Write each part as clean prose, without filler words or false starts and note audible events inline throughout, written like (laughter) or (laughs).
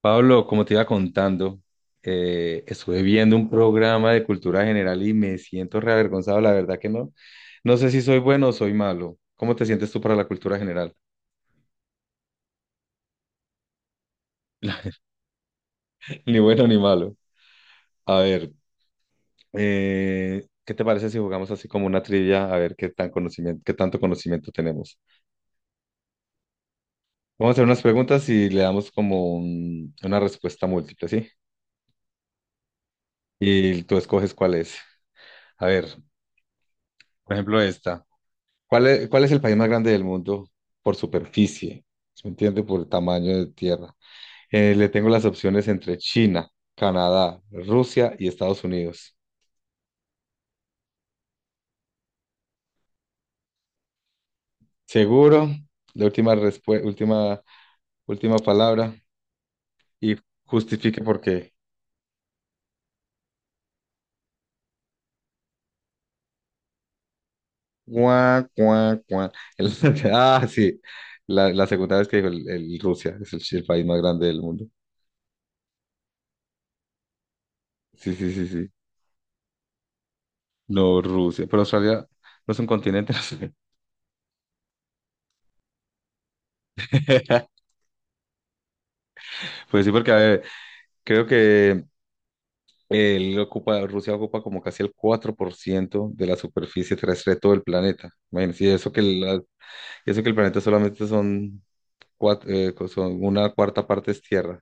Pablo, como te iba contando, estuve viendo un programa de cultura general y me siento reavergonzado, la verdad que no. No sé si soy bueno o soy malo. ¿Cómo te sientes tú para la cultura general? (laughs) Ni bueno ni malo. A ver, ¿qué te parece si jugamos así como una trivia? A ver qué tanto conocimiento tenemos. Vamos a hacer unas preguntas y le damos como una respuesta múltiple, ¿sí? Y tú escoges cuál es. A ver, por ejemplo, esta. ¿Cuál es el país más grande del mundo por superficie? ¿Se me entiende? Por tamaño de tierra. Le tengo las opciones entre China, Canadá, Rusia y Estados Unidos. Seguro, la última palabra y justifique por qué. Guau, guau, guau. El- (laughs) ah, sí, la segunda vez que dijo el Rusia, es el país más grande del mundo. Sí, sí, sí, sí. No, Rusia, pero Australia no es un continente, (laughs) no sé. (laughs) Pues sí, porque a ver, creo que Rusia ocupa como casi el 4% de la superficie terrestre de todo el planeta. Imagínense. Y eso que el planeta solamente son una cuarta parte es tierra.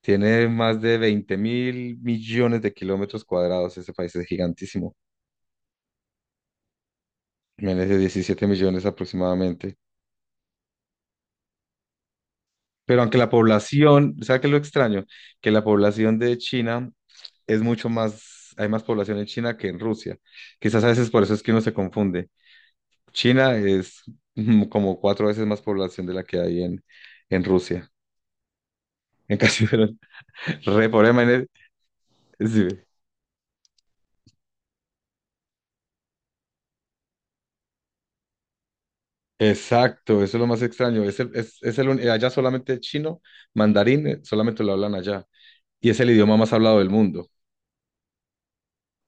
Tiene más de 20 mil millones de kilómetros cuadrados. Ese país es gigantísimo. Imagínense, 17 millones aproximadamente. Pero aunque la población, ¿sabes qué es lo extraño? Que la población de China es mucho más, hay más población en China que en Rusia. Quizás a veces por eso es que uno se confunde. China es (laughs) como cuatro veces más población de la que hay en Rusia. En casi (laughs) re pobre manera- sí. Exacto, eso es lo más extraño. Es el, un- Allá solamente chino, mandarín, solamente lo hablan allá. Y es el idioma más hablado del mundo.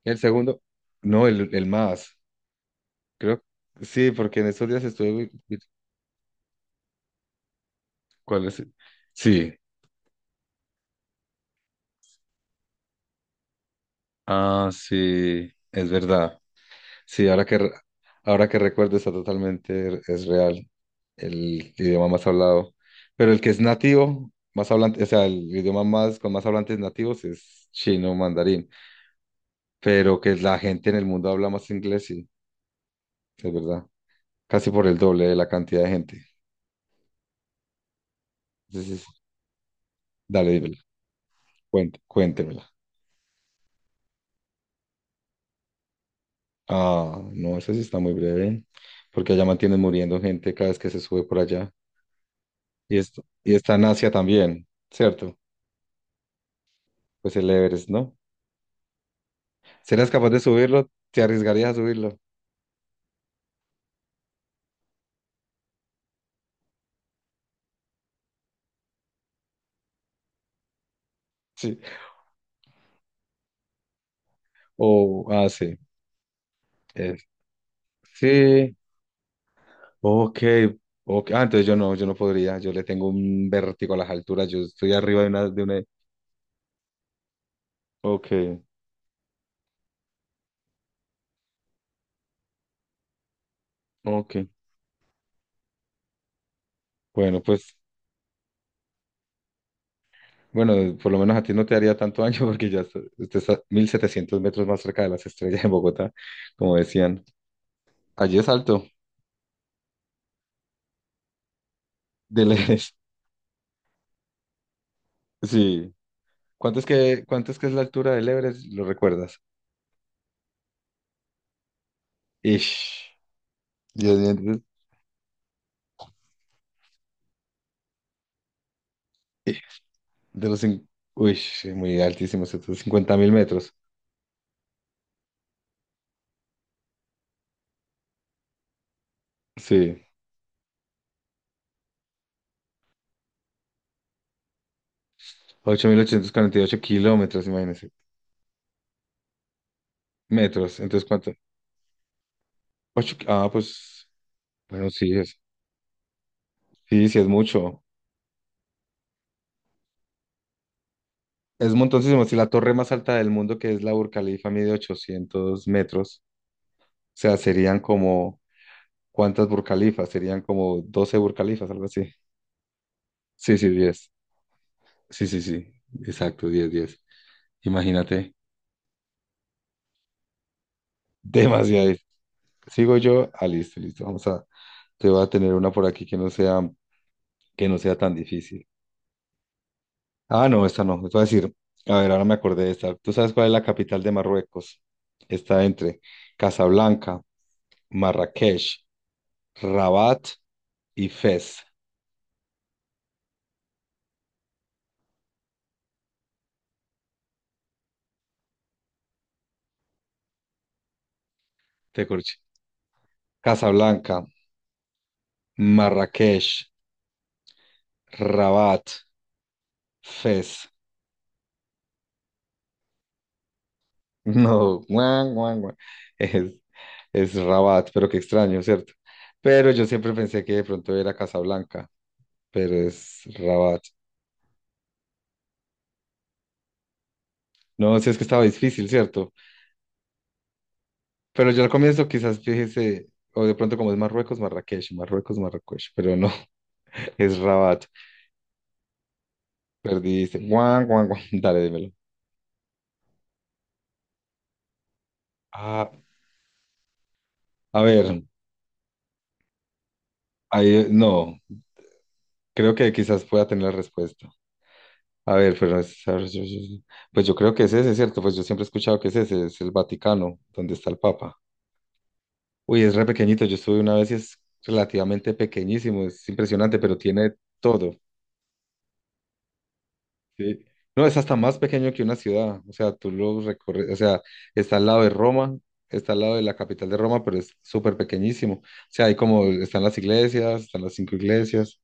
El segundo, no, el más, creo. Sí, porque en estos días estuve ¿Cuál es? ¿El? Sí. Ah, sí, es verdad. Sí, ahora que recuerdo está totalmente, es real el idioma más hablado. Pero el que es nativo, más hablante, o sea, el idioma más con más hablantes nativos es chino, mandarín. Pero que la gente en el mundo habla más inglés, sí, es verdad. Casi por el doble de la cantidad de gente. Entonces, dale, dímela, cuéntemela. Ah, no, eso sí está muy breve, porque allá mantienen muriendo gente cada vez que se sube por allá. Y, esto, y está en Asia también, ¿cierto? Pues el Everest, ¿no? ¿Serías capaz de subirlo? ¿Te arriesgarías a subirlo? Sí. O, ah, sí. Es- sí. Ok. Ok. Ah, entonces yo no, yo no podría. Yo le tengo un vértigo a las alturas. Yo estoy arriba de una, de una. Ok, ok. Bueno, pues, bueno, por lo menos a ti no te haría tanto daño (laughs) porque usted está 1700 metros más cerca de las estrellas en Bogotá, como decían. Allí es alto, del Everest. (laughs) Sí. ¿Cuánto es que es la altura del Everest? ¿Lo recuerdas? Ish. Dios mío. De los... cin- Uy, sí, muy altísimo, 50.000 metros. Sí, 8.848 kilómetros, imagínense. Metros, entonces, ¿cuánto? Ocho. Ah, pues, bueno, sí, es... sí, sí, es mucho. Es montoncísimo. Si la torre más alta del mundo, que es la Burj Khalifa, mide 800 metros, o sea, serían como, ¿cuántas Burj Khalifas? Serían como 12 Burj Khalifas, algo así. Sí, sí, 10. Sí, sí, sí, exacto, 10 10. Imagínate, (laughs) demasiado. Sigo yo, ah, listo, listo, vamos a. Te voy a tener una por aquí que no sea tan difícil. Ah, no, esta no. Te voy a decir, a ver, ahora me acordé de esta. ¿Tú sabes cuál es la capital de Marruecos? Está entre Casablanca, Marrakech, Rabat y Fez. Te corché. Casablanca, Marrakech, Rabat, Fez. (laughs) No, guan, guan, guan. Es, es Rabat, pero qué extraño, ¿cierto? Pero yo siempre pensé que de pronto era Casablanca, pero es Rabat. No, si es que estaba difícil, ¿cierto? Pero yo al comienzo quizás fíjese, o de pronto como es Marruecos, Marrakech, Marruecos, Marrakech, pero no, (laughs) es Rabat. Perdiste. Guau, guau, guau. (laughs) Dale, dímelo. Ah, a ver, ahí, no, creo que quizás pueda tener la respuesta. A ver, pero pues yo creo que es ese, ¿cierto? Pues yo siempre he escuchado que es ese, es el Vaticano, donde está el Papa. Uy, es re pequeñito, yo estuve una vez y es relativamente pequeñísimo, es impresionante, pero tiene todo. Sí. No, es hasta más pequeño que una ciudad. O sea, tú lo recorres, o sea, está al lado de Roma, está al lado de la capital de Roma, pero es súper pequeñísimo. O sea, hay como, están las iglesias, están las cinco iglesias,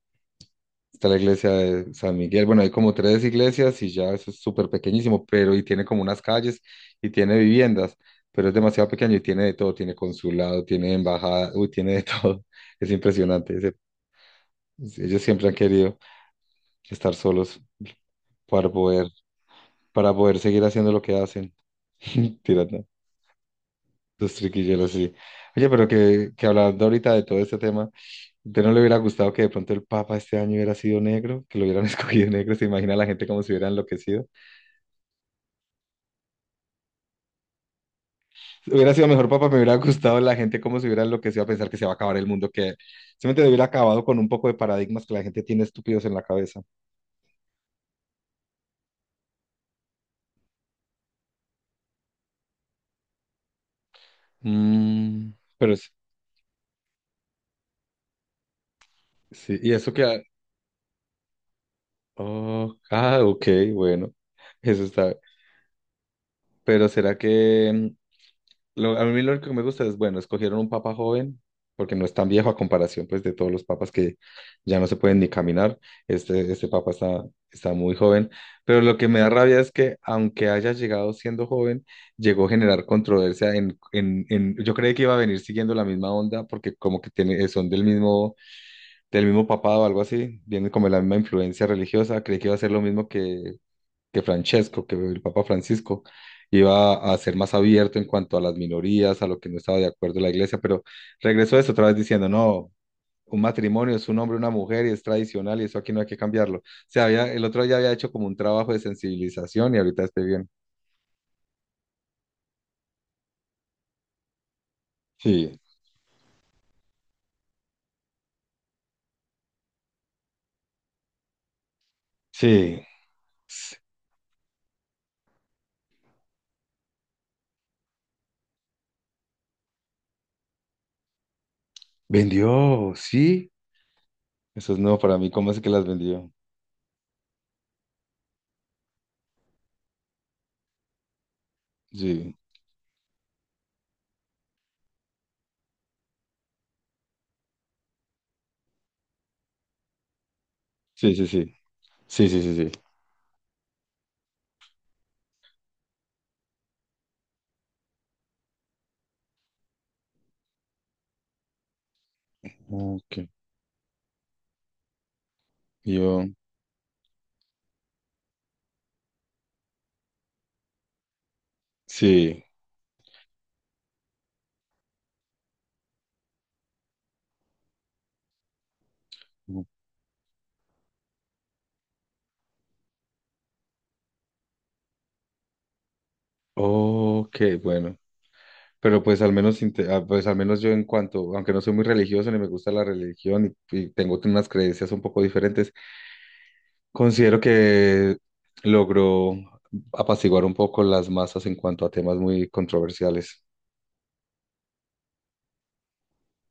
está la iglesia de San Miguel. Bueno, hay como tres iglesias y ya eso es súper pequeñísimo, pero y tiene como unas calles y tiene viviendas, pero es demasiado pequeño y tiene de todo, tiene consulado, tiene embajada, uy, tiene de todo. (laughs) Es impresionante. Ellos siempre han querido estar solos para poder, para poder seguir haciendo lo que hacen. (laughs) Tirando sus triquillos así. Oye, pero que hablando ahorita de todo este tema, ¿usted no le hubiera gustado que de pronto el Papa este año hubiera sido negro? Que lo hubieran (laughs) escogido negro, ¿se imagina la gente como si hubiera enloquecido? Si hubiera sido mejor Papa, me hubiera gustado la gente como si hubiera enloquecido a pensar que se va a acabar el mundo, que simplemente hubiera acabado con un poco de paradigmas que la gente tiene estúpidos en la cabeza. Mm, pero sí, y eso que... Oh, ah, ok, bueno, eso está... Pero ¿será que... A mí lo único que me gusta es, bueno, escogieron un papa joven, porque no es tan viejo a comparación pues de todos los papas que ya no se pueden ni caminar. Este papa está, está muy joven, pero lo que me da rabia es que aunque haya llegado siendo joven, llegó a generar controversia en, yo creí que iba a venir siguiendo la misma onda, porque como que tiene, son del mismo papado o algo así, vienen como de la misma influencia religiosa, creí que iba a ser lo mismo que Francesco, que el Papa Francisco iba a ser más abierto en cuanto a las minorías, a lo que no estaba de acuerdo la iglesia, pero regresó a eso otra vez diciendo, no, un matrimonio es un hombre, y una mujer y es tradicional y eso aquí no hay que cambiarlo. O sea, había, el otro ya había hecho como un trabajo de sensibilización y ahorita esté bien. Sí, sí. S- vendió, sí. Eso es nuevo para mí. ¿Cómo es que las vendió? Sí, sí, sí, sí. Sí, sí, sí, sí. Ok. Yo, sí. Ok, bueno. Pero pues al menos, inte- ah, pues al menos yo en cuanto, aunque no soy muy religioso ni me gusta la religión y tengo unas creencias un poco diferentes, considero que logró apaciguar un poco las masas en cuanto a temas muy controversiales.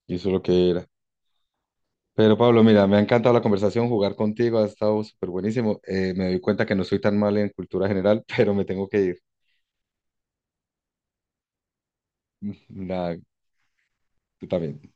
Y eso es lo que era. Pero Pablo, mira, me ha encantado la conversación, jugar contigo ha estado súper buenísimo. Me doy cuenta que no soy tan mal en cultura general, (laughs) pero me tengo que ir. (laughs) Nada, tú también.